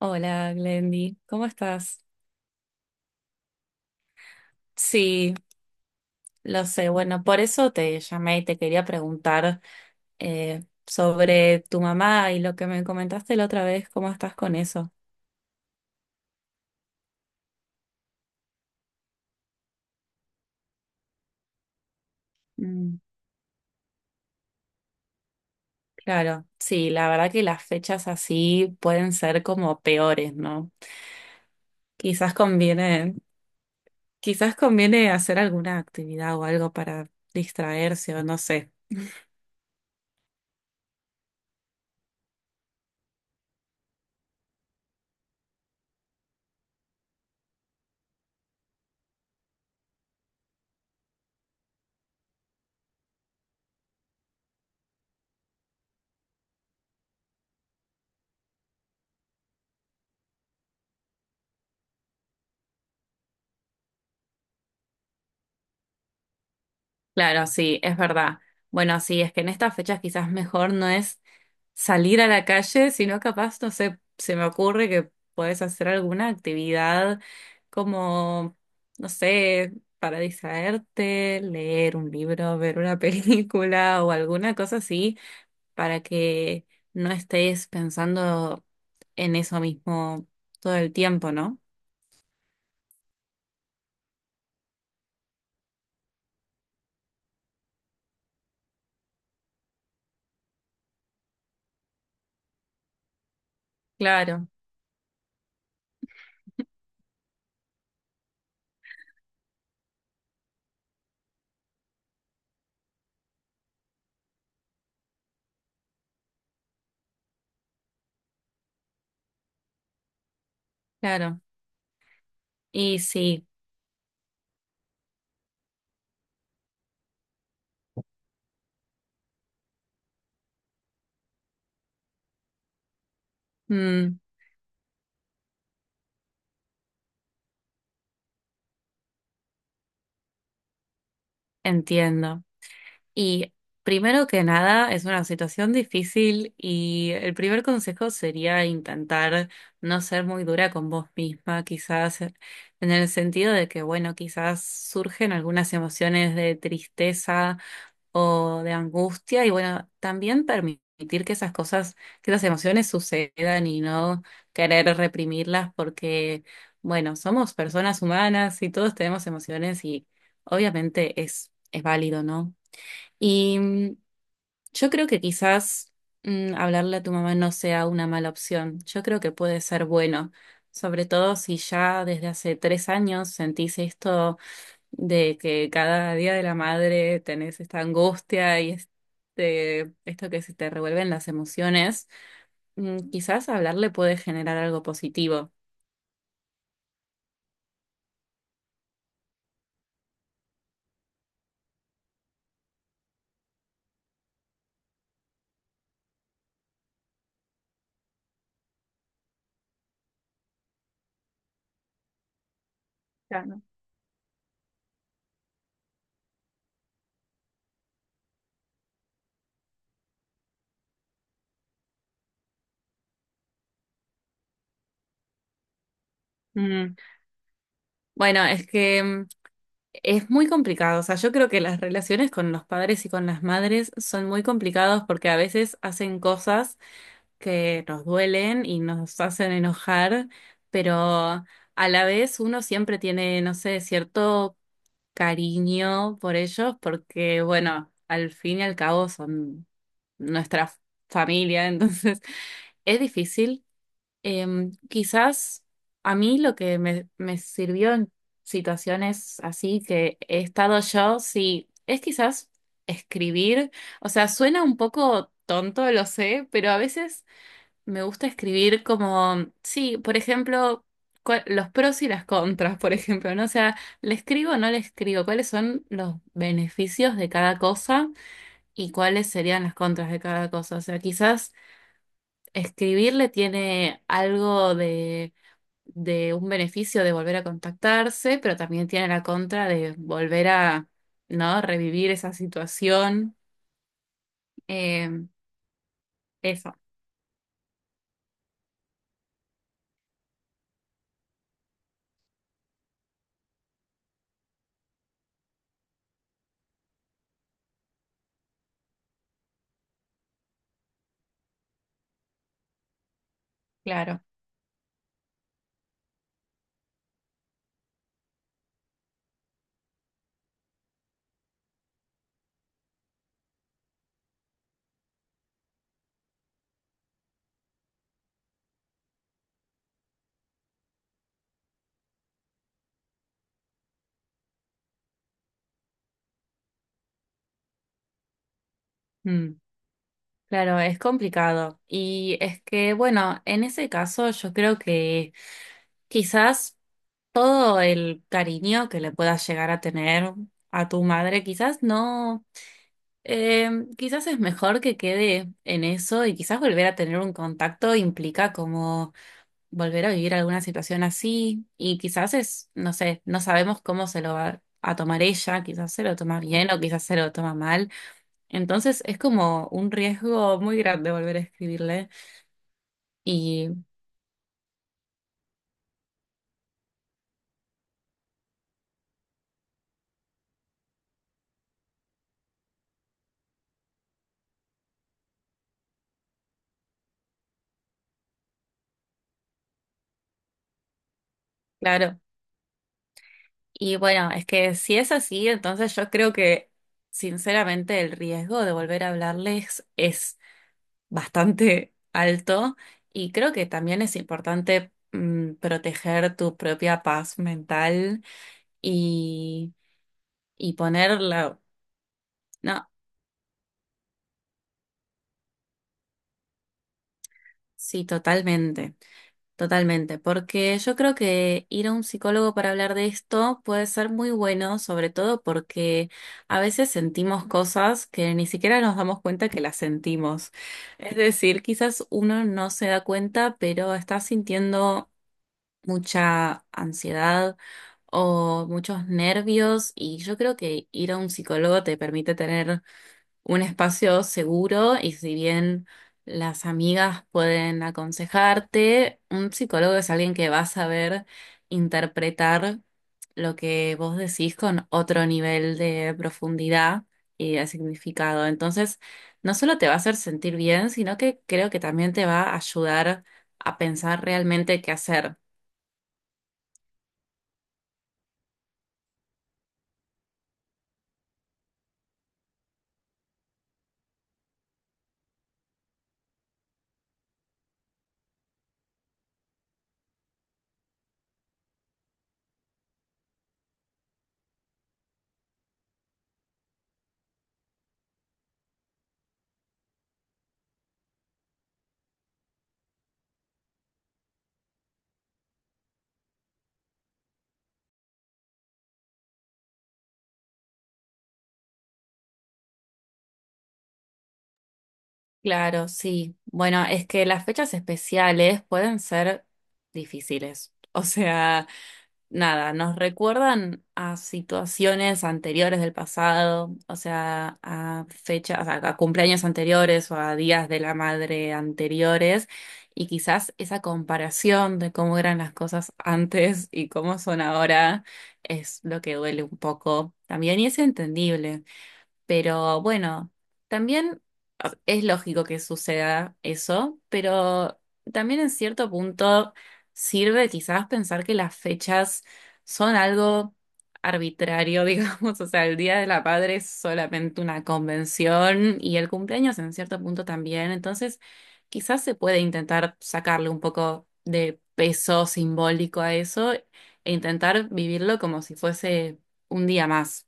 Hola, Glendy, ¿cómo estás? Sí, lo sé. Bueno, por eso te llamé y te quería preguntar sobre tu mamá y lo que me comentaste la otra vez, ¿cómo estás con eso? Mm, claro, sí, la verdad que las fechas así pueden ser como peores, ¿no? Quizás conviene, quizás conviene hacer alguna actividad o algo para distraerse o no sé. Claro, sí, es verdad. Bueno, sí, es que en estas fechas quizás mejor no es salir a la calle, sino capaz, no sé, se me ocurre que puedes hacer alguna actividad como, no sé, para distraerte, leer un libro, ver una película o alguna cosa así, para que no estés pensando en eso mismo todo el tiempo, ¿no? Claro, claro. Y sí, mm, entiendo. Y primero que nada, es una situación difícil y el primer consejo sería intentar no ser muy dura con vos misma, quizás en el sentido de que, bueno, quizás surgen algunas emociones de tristeza o de angustia y, bueno, también permitir que esas cosas, que esas emociones sucedan y no querer reprimirlas porque, bueno, somos personas humanas y todos tenemos emociones y obviamente es válido, ¿no? Y yo creo que quizás hablarle a tu mamá no sea una mala opción. Yo creo que puede ser bueno, sobre todo si ya desde hace 3 años sentís esto de que cada día de la madre tenés esta angustia y esto que se te revuelven las emociones. Quizás hablarle puede generar algo positivo. Claro. Mm, bueno, es que es muy complicado. O sea, yo creo que las relaciones con los padres y con las madres son muy complicadas porque a veces hacen cosas que nos duelen y nos hacen enojar, pero a la vez uno siempre tiene, no sé, cierto cariño por ellos porque, bueno, al fin y al cabo son nuestra familia, entonces es difícil. Quizás a mí lo que me sirvió en situaciones así que he estado yo, sí, es quizás escribir. O sea, suena un poco tonto, lo sé, pero a veces me gusta escribir como, sí, por ejemplo, los pros y las contras, por ejemplo, ¿no? O sea, ¿le escribo o no le escribo? ¿Cuáles son los beneficios de cada cosa y cuáles serían las contras de cada cosa? O sea, quizás escribirle tiene algo de un beneficio de volver a contactarse, pero también tiene la contra de volver a, ¿no? Revivir esa situación. Eh, eso, claro. Mm, claro, es complicado. Y es que, bueno, en ese caso yo creo que quizás todo el cariño que le puedas llegar a tener a tu madre, quizás no. eh, quizás es mejor que quede en eso y quizás volver a tener un contacto implica como volver a vivir alguna situación así y quizás es, no sé, no sabemos cómo se lo va a tomar ella, quizás se lo toma bien o quizás se lo toma mal. Entonces es como un riesgo muy grande volver a escribirle y claro, y bueno, es que si es así, entonces yo creo que sinceramente el riesgo de volver a hablarles es bastante alto y creo que también es importante proteger tu propia paz mental. Y y ponerla. No, sí, totalmente, totalmente, porque yo creo que ir a un psicólogo para hablar de esto puede ser muy bueno, sobre todo porque a veces sentimos cosas que ni siquiera nos damos cuenta que las sentimos. Es decir, quizás uno no se da cuenta, pero está sintiendo mucha ansiedad o muchos nervios y yo creo que ir a un psicólogo te permite tener un espacio seguro y si bien las amigas pueden aconsejarte, un psicólogo es alguien que va a saber interpretar lo que vos decís con otro nivel de profundidad y de significado. Entonces, no solo te va a hacer sentir bien, sino que creo que también te va a ayudar a pensar realmente qué hacer. Claro, sí. Bueno, es que las fechas especiales pueden ser difíciles. O sea, nada, nos recuerdan a situaciones anteriores del pasado, o sea, a fechas, a cumpleaños anteriores o a días de la madre anteriores, y quizás esa comparación de cómo eran las cosas antes y cómo son ahora es lo que duele un poco también, y es entendible. Pero bueno, también es lógico que suceda eso, pero también en cierto punto sirve quizás pensar que las fechas son algo arbitrario, digamos, o sea, el Día de la Madre es solamente una convención y el cumpleaños en cierto punto también, entonces quizás se puede intentar sacarle un poco de peso simbólico a eso e intentar vivirlo como si fuese un día más.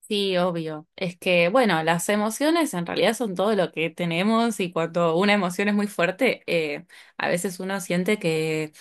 Sí, obvio. Es que, bueno, las emociones en realidad son todo lo que tenemos y cuando una emoción es muy fuerte, a veces uno siente que,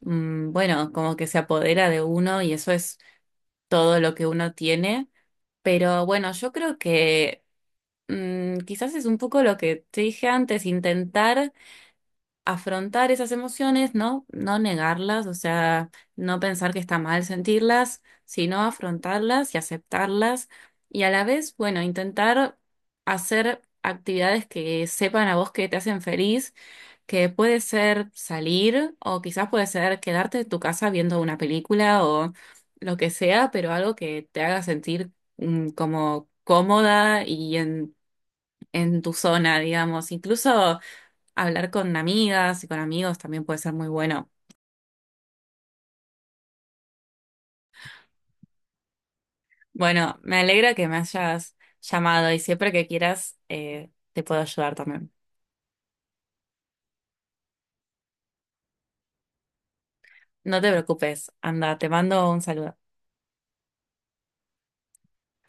bueno, como que se apodera de uno y eso es todo lo que uno tiene. Pero bueno, yo creo que quizás es un poco lo que te dije antes, intentar afrontar esas emociones, ¿no? No negarlas, o sea, no pensar que está mal sentirlas, sino afrontarlas y aceptarlas. Y a la vez, bueno, intentar hacer actividades que sepan a vos que te hacen feliz, que puede ser salir o quizás puede ser quedarte en tu casa viendo una película o lo que sea, pero algo que te haga sentir como cómoda y en tu zona, digamos. Incluso hablar con amigas y con amigos también puede ser muy bueno. Bueno, me alegra que me hayas llamado y siempre que quieras te puedo ayudar también. No te preocupes, anda, te mando un saludo.